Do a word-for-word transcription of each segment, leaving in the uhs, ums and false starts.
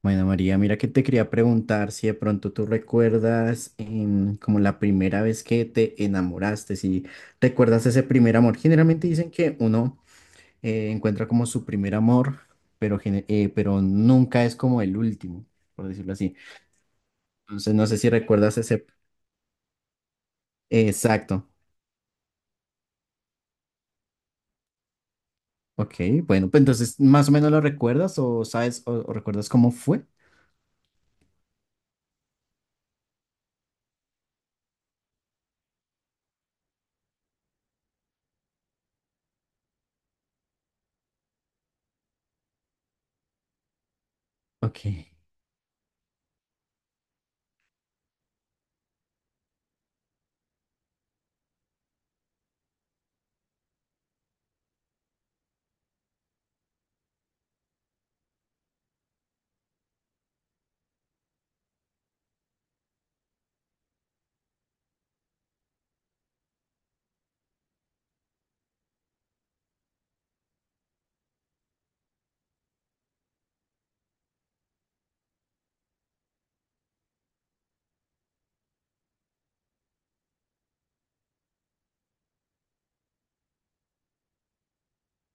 Bueno, María, mira que te quería preguntar si de pronto tú recuerdas em, como la primera vez que te enamoraste, si recuerdas ese primer amor. Generalmente dicen que uno eh, encuentra como su primer amor, pero, gene- eh, pero nunca es como el último, por decirlo así. Entonces, no sé si recuerdas ese... Exacto. Ok, bueno, pues entonces, ¿más o menos lo recuerdas o sabes o, o recuerdas cómo fue? Ok.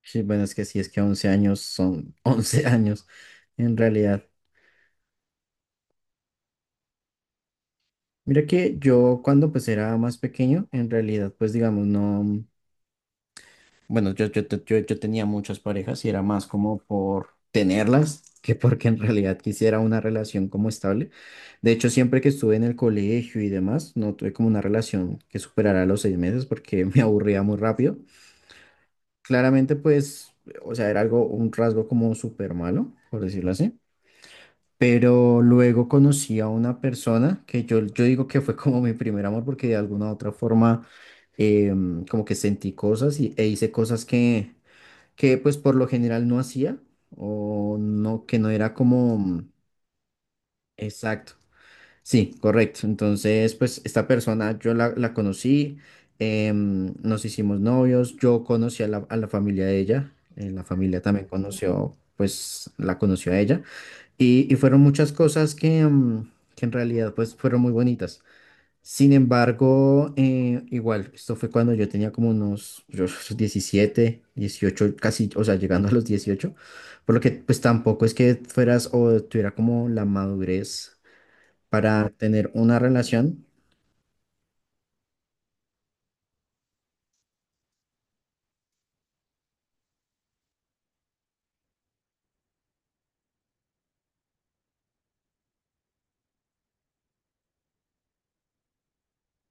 Sí, bueno, es que sí, es que once años son once años, en realidad. Mira que yo cuando pues era más pequeño, en realidad pues digamos no, bueno, yo, yo, te- yo, yo tenía muchas parejas y era más como por tenerlas que porque en realidad quisiera una relación como estable. De hecho, siempre que estuve en el colegio y demás, no tuve como una relación que superara los seis meses porque me aburría muy rápido. Claramente, pues, o sea, era algo, un rasgo como súper malo, por decirlo así. Pero luego conocí a una persona que yo, yo digo que fue como mi primer amor porque de alguna u otra forma em, como que sentí cosas y, e hice cosas que que pues por lo general no hacía o no, que no era como mm, exacto. Sí, correcto. Entonces, pues esta persona yo la, la conocí, em, nos hicimos novios, yo conocí a la, a la familia de ella, eh, la familia también conoció, pues la conoció a ella y, y fueron muchas cosas que, em, que en realidad pues fueron muy bonitas. Sin embargo, eh, igual, esto fue cuando yo tenía como unos yo, diecisiete, dieciocho, casi, o sea, llegando a los dieciocho por lo que pues tampoco es que fueras o tuviera como la madurez para tener una relación.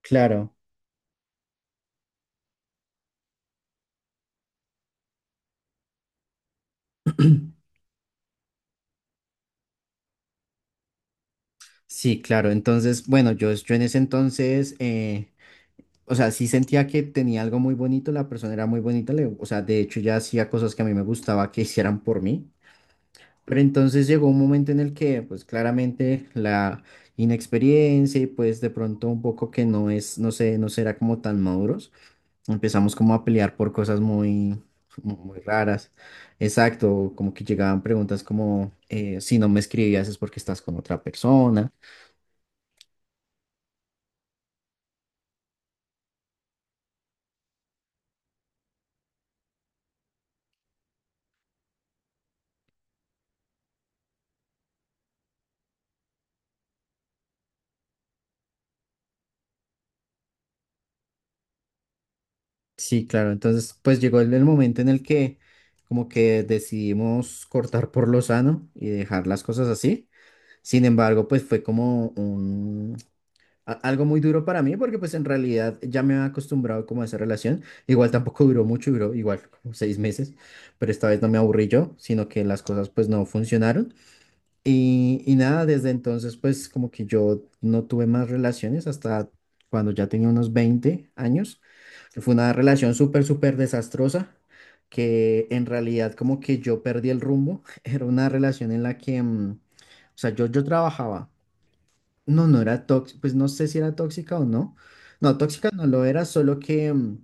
Claro, sí, claro. Entonces, bueno, yo, yo en ese entonces, eh, o sea, sí sentía que tenía algo muy bonito, la persona era muy bonita, le- o sea, de hecho ya hacía cosas que a mí me gustaba que hicieran por mí. Pero entonces llegó un momento en el que, pues claramente la inexperiencia y pues de pronto un poco que no es, no sé, no será como tan maduros, empezamos como a pelear por cosas muy, muy raras. Exacto, como que llegaban preguntas como, eh, si no me escribías es porque estás con otra persona. Sí, claro, entonces pues llegó el, el momento en el que como que decidimos cortar por lo sano y dejar las cosas así. Sin embargo, pues fue como a- algo muy duro para mí porque pues en realidad ya me había acostumbrado como a esa relación. Igual tampoco duró mucho, duró igual como seis meses, pero esta vez no me aburrí yo, sino que las cosas pues no funcionaron. Y, y nada, desde entonces pues como que yo no tuve más relaciones hasta cuando ya tenía unos veinte años. Fue una relación súper, súper desastrosa que en realidad como que yo perdí el rumbo. Era una relación en la que, mm, o sea, yo, yo trabajaba. No, no era tóxica, pues no sé si era tóxica o no. No, tóxica no lo era, solo que mm,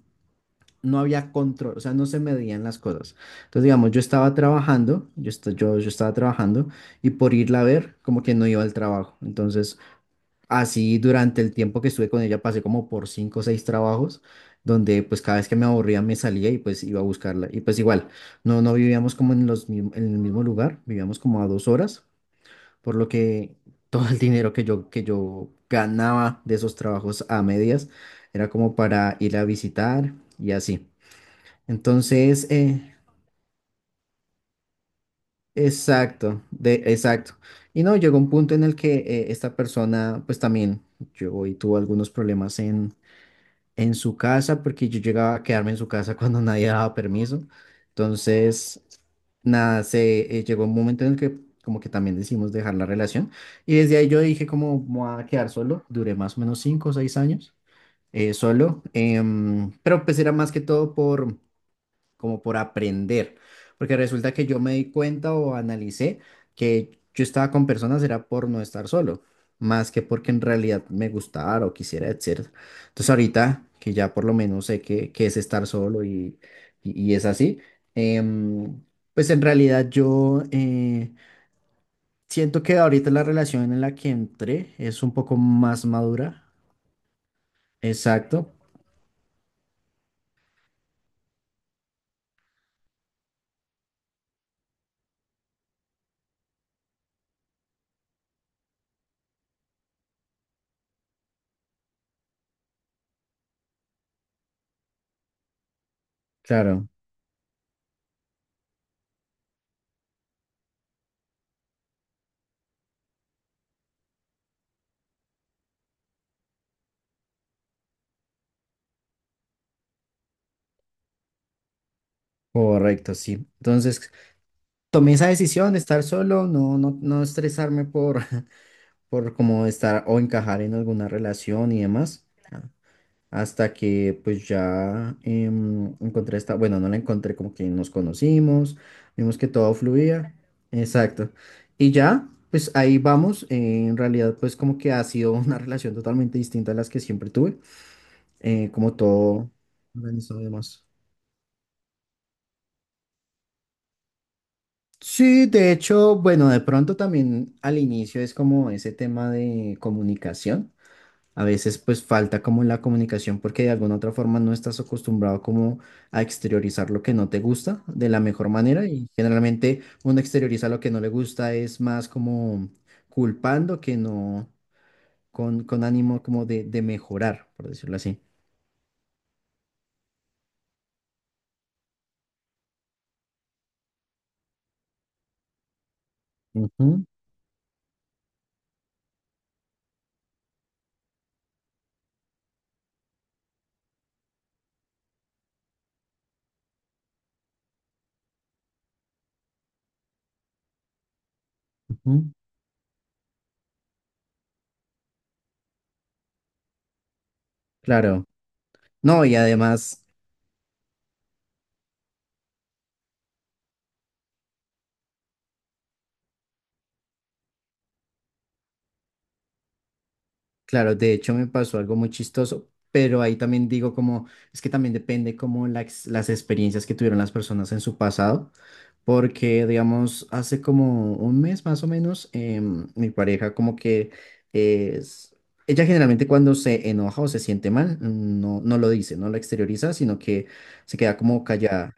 no había control, o sea, no se medían las cosas. Entonces, digamos, yo estaba trabajando, yo, esta- yo, yo estaba trabajando y por irla a ver, como que no iba al trabajo. Entonces, así durante el tiempo que estuve con ella, pasé como por cinco o seis trabajos, donde pues cada vez que me aburría me salía y pues iba a buscarla. Y pues igual, no, no vivíamos como en los, mism- en el mismo lugar, vivíamos como a dos horas por lo que todo el dinero que yo, que yo ganaba de esos trabajos a medias era como para ir a visitar y así. Entonces, eh, exacto, de, exacto. Y no, llegó un punto en el que eh, esta persona, pues también, yo y tuvo algunos problemas en, en su casa porque yo llegaba a quedarme en su casa cuando nadie daba permiso. Entonces, nada, se eh, llegó un momento en el que como que también decidimos dejar la relación y desde ahí yo dije como "Me voy a quedar solo, duré más o menos cinco o seis años eh, solo. Em, pero pues era más que todo por como por aprender, porque resulta que yo me di cuenta o analicé que yo estaba con personas era por no estar solo, más que porque en realidad me gustara o quisiera, etcétera. Entonces ahorita que ya por lo menos sé qué, qué es estar solo y, y, y es así, em, pues en realidad yo eh, siento que ahorita la relación en la que entré es un poco más madura. Exacto, claro, correcto, sí. Entonces tomé esa decisión de estar solo, no, no, no estresarme por, por como estar o encajar en alguna relación y demás, a- hasta que pues ya em, encontré esta, bueno, no la encontré, como que nos conocimos, vimos que todo fluía, exacto, y ya, pues ahí vamos, eh, en realidad pues como que ha sido una relación totalmente distinta a las que siempre tuve, eh, como todo organizado y demás. Sí, de hecho, bueno, de pronto también al inicio es como ese tema de comunicación. A veces pues falta como la comunicación porque de alguna otra forma no estás acostumbrado como a exteriorizar lo que no te gusta de la mejor manera y generalmente uno exterioriza lo que no le gusta es más como culpando que no con, con ánimo como de, de mejorar, por decirlo así. Ujú, ujú. Claro. No, y además... Claro, de hecho me pasó algo muy chistoso, pero ahí también digo como, es que también depende como la ex- las experiencias que tuvieron las personas en su pasado, porque digamos, hace como un mes más o menos, em, mi pareja como que es, ella generalmente cuando se enoja o se siente mal, no, no lo dice, no lo exterioriza, sino que se queda como callada.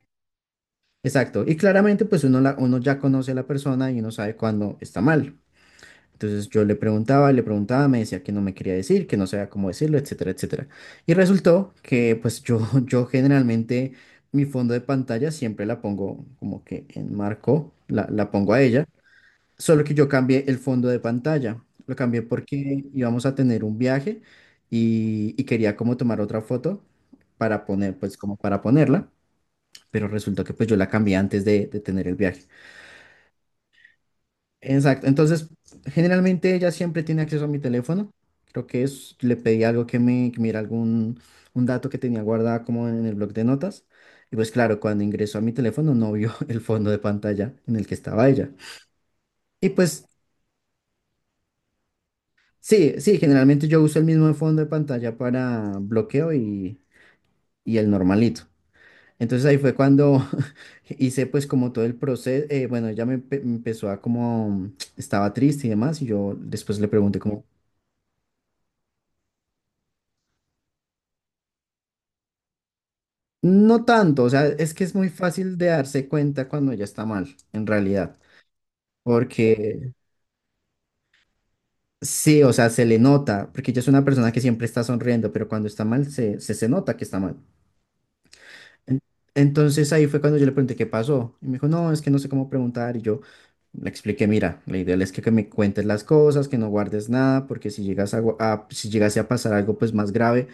Exacto, y claramente pues uno, la, uno ya conoce a la persona y uno sabe cuando está mal. Entonces yo le preguntaba, le preguntaba, me decía que no me quería decir, que no sabía cómo decirlo, etcétera, etcétera. Y resultó que pues yo, yo generalmente mi fondo de pantalla siempre la pongo como que en marco, la, la pongo a ella, solo que yo cambié el fondo de pantalla. Lo cambié porque íbamos a tener un viaje y, y quería como tomar otra foto para poner, pues como para ponerla, pero resultó que pues yo la cambié antes de de tener el viaje. Exacto. Entonces, generalmente ella siempre tiene acceso a mi teléfono. Creo que es, le pedí algo que me, que mira algún un dato que tenía guardado como en el bloc de notas. Y pues claro, cuando ingresó a mi teléfono no vio el fondo de pantalla en el que estaba ella. Y pues sí, sí, generalmente yo uso el mismo fondo de pantalla para bloqueo y, y el normalito. Entonces ahí fue cuando hice pues como todo el proceso, eh, bueno, ella me empe- empezó a como, estaba triste y demás, y yo después le pregunté como, no tanto, o sea, es que es muy fácil de darse cuenta cuando ya está mal, en realidad, porque sí, o sea, se le nota, porque ella es una persona que siempre está sonriendo, pero cuando está mal se, se, se nota que está mal. En- Entonces ahí fue cuando yo le pregunté qué pasó, y me dijo, no, es que no sé cómo preguntar, y yo le expliqué, mira, la idea es que, que, me cuentes las cosas, que no guardes nada, porque si llegas a, gu- a- si llegase a pasar algo pues más grave,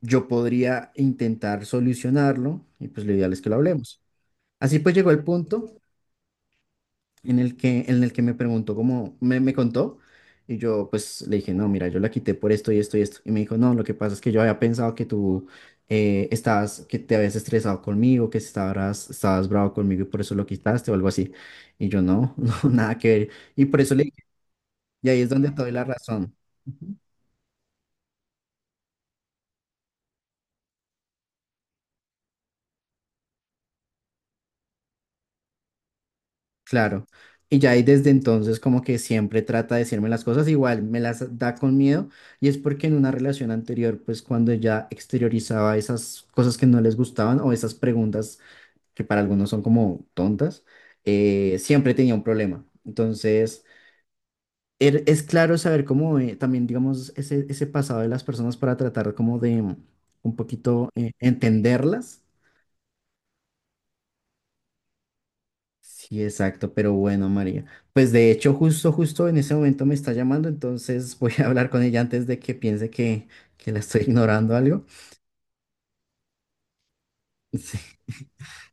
yo podría intentar solucionarlo, y pues lo ideal es que lo hablemos. Así pues llegó el punto en el que, en el que me preguntó cómo me, me contó y yo pues le dije, no, mira, yo la quité por esto y esto y esto. Y me dijo, no, lo que pasa es que yo había pensado que tú eh, estabas, que te habías estresado conmigo, que estabas, estabas bravo conmigo y por eso lo quitaste o algo así. Y yo no, no, nada que ver. Y por eso le dije, y ahí es donde te doy la razón. Claro. Y ya ahí desde entonces como que siempre trata de decirme las cosas, igual me las da con miedo y es porque en una relación anterior, pues cuando ella exteriorizaba esas cosas que no les gustaban o esas preguntas que para algunos son como tontas, eh, siempre tenía un problema. Entonces, er- es claro saber cómo eh, también, digamos, ese, ese pasado de las personas para tratar como de un poquito eh, entenderlas. Sí, exacto, pero bueno, María. Pues de hecho, justo, justo en ese momento me está llamando, entonces voy a hablar con ella antes de que piense que, que, la estoy ignorando algo. Sí.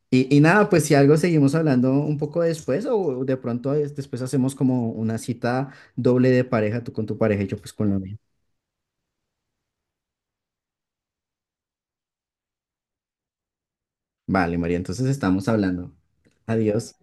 Y, y nada, pues si algo seguimos hablando un poco después o de pronto es- después hacemos como una cita doble de pareja, tú con tu pareja y yo pues con la mía. Vale, María, entonces estamos hablando. Adiós.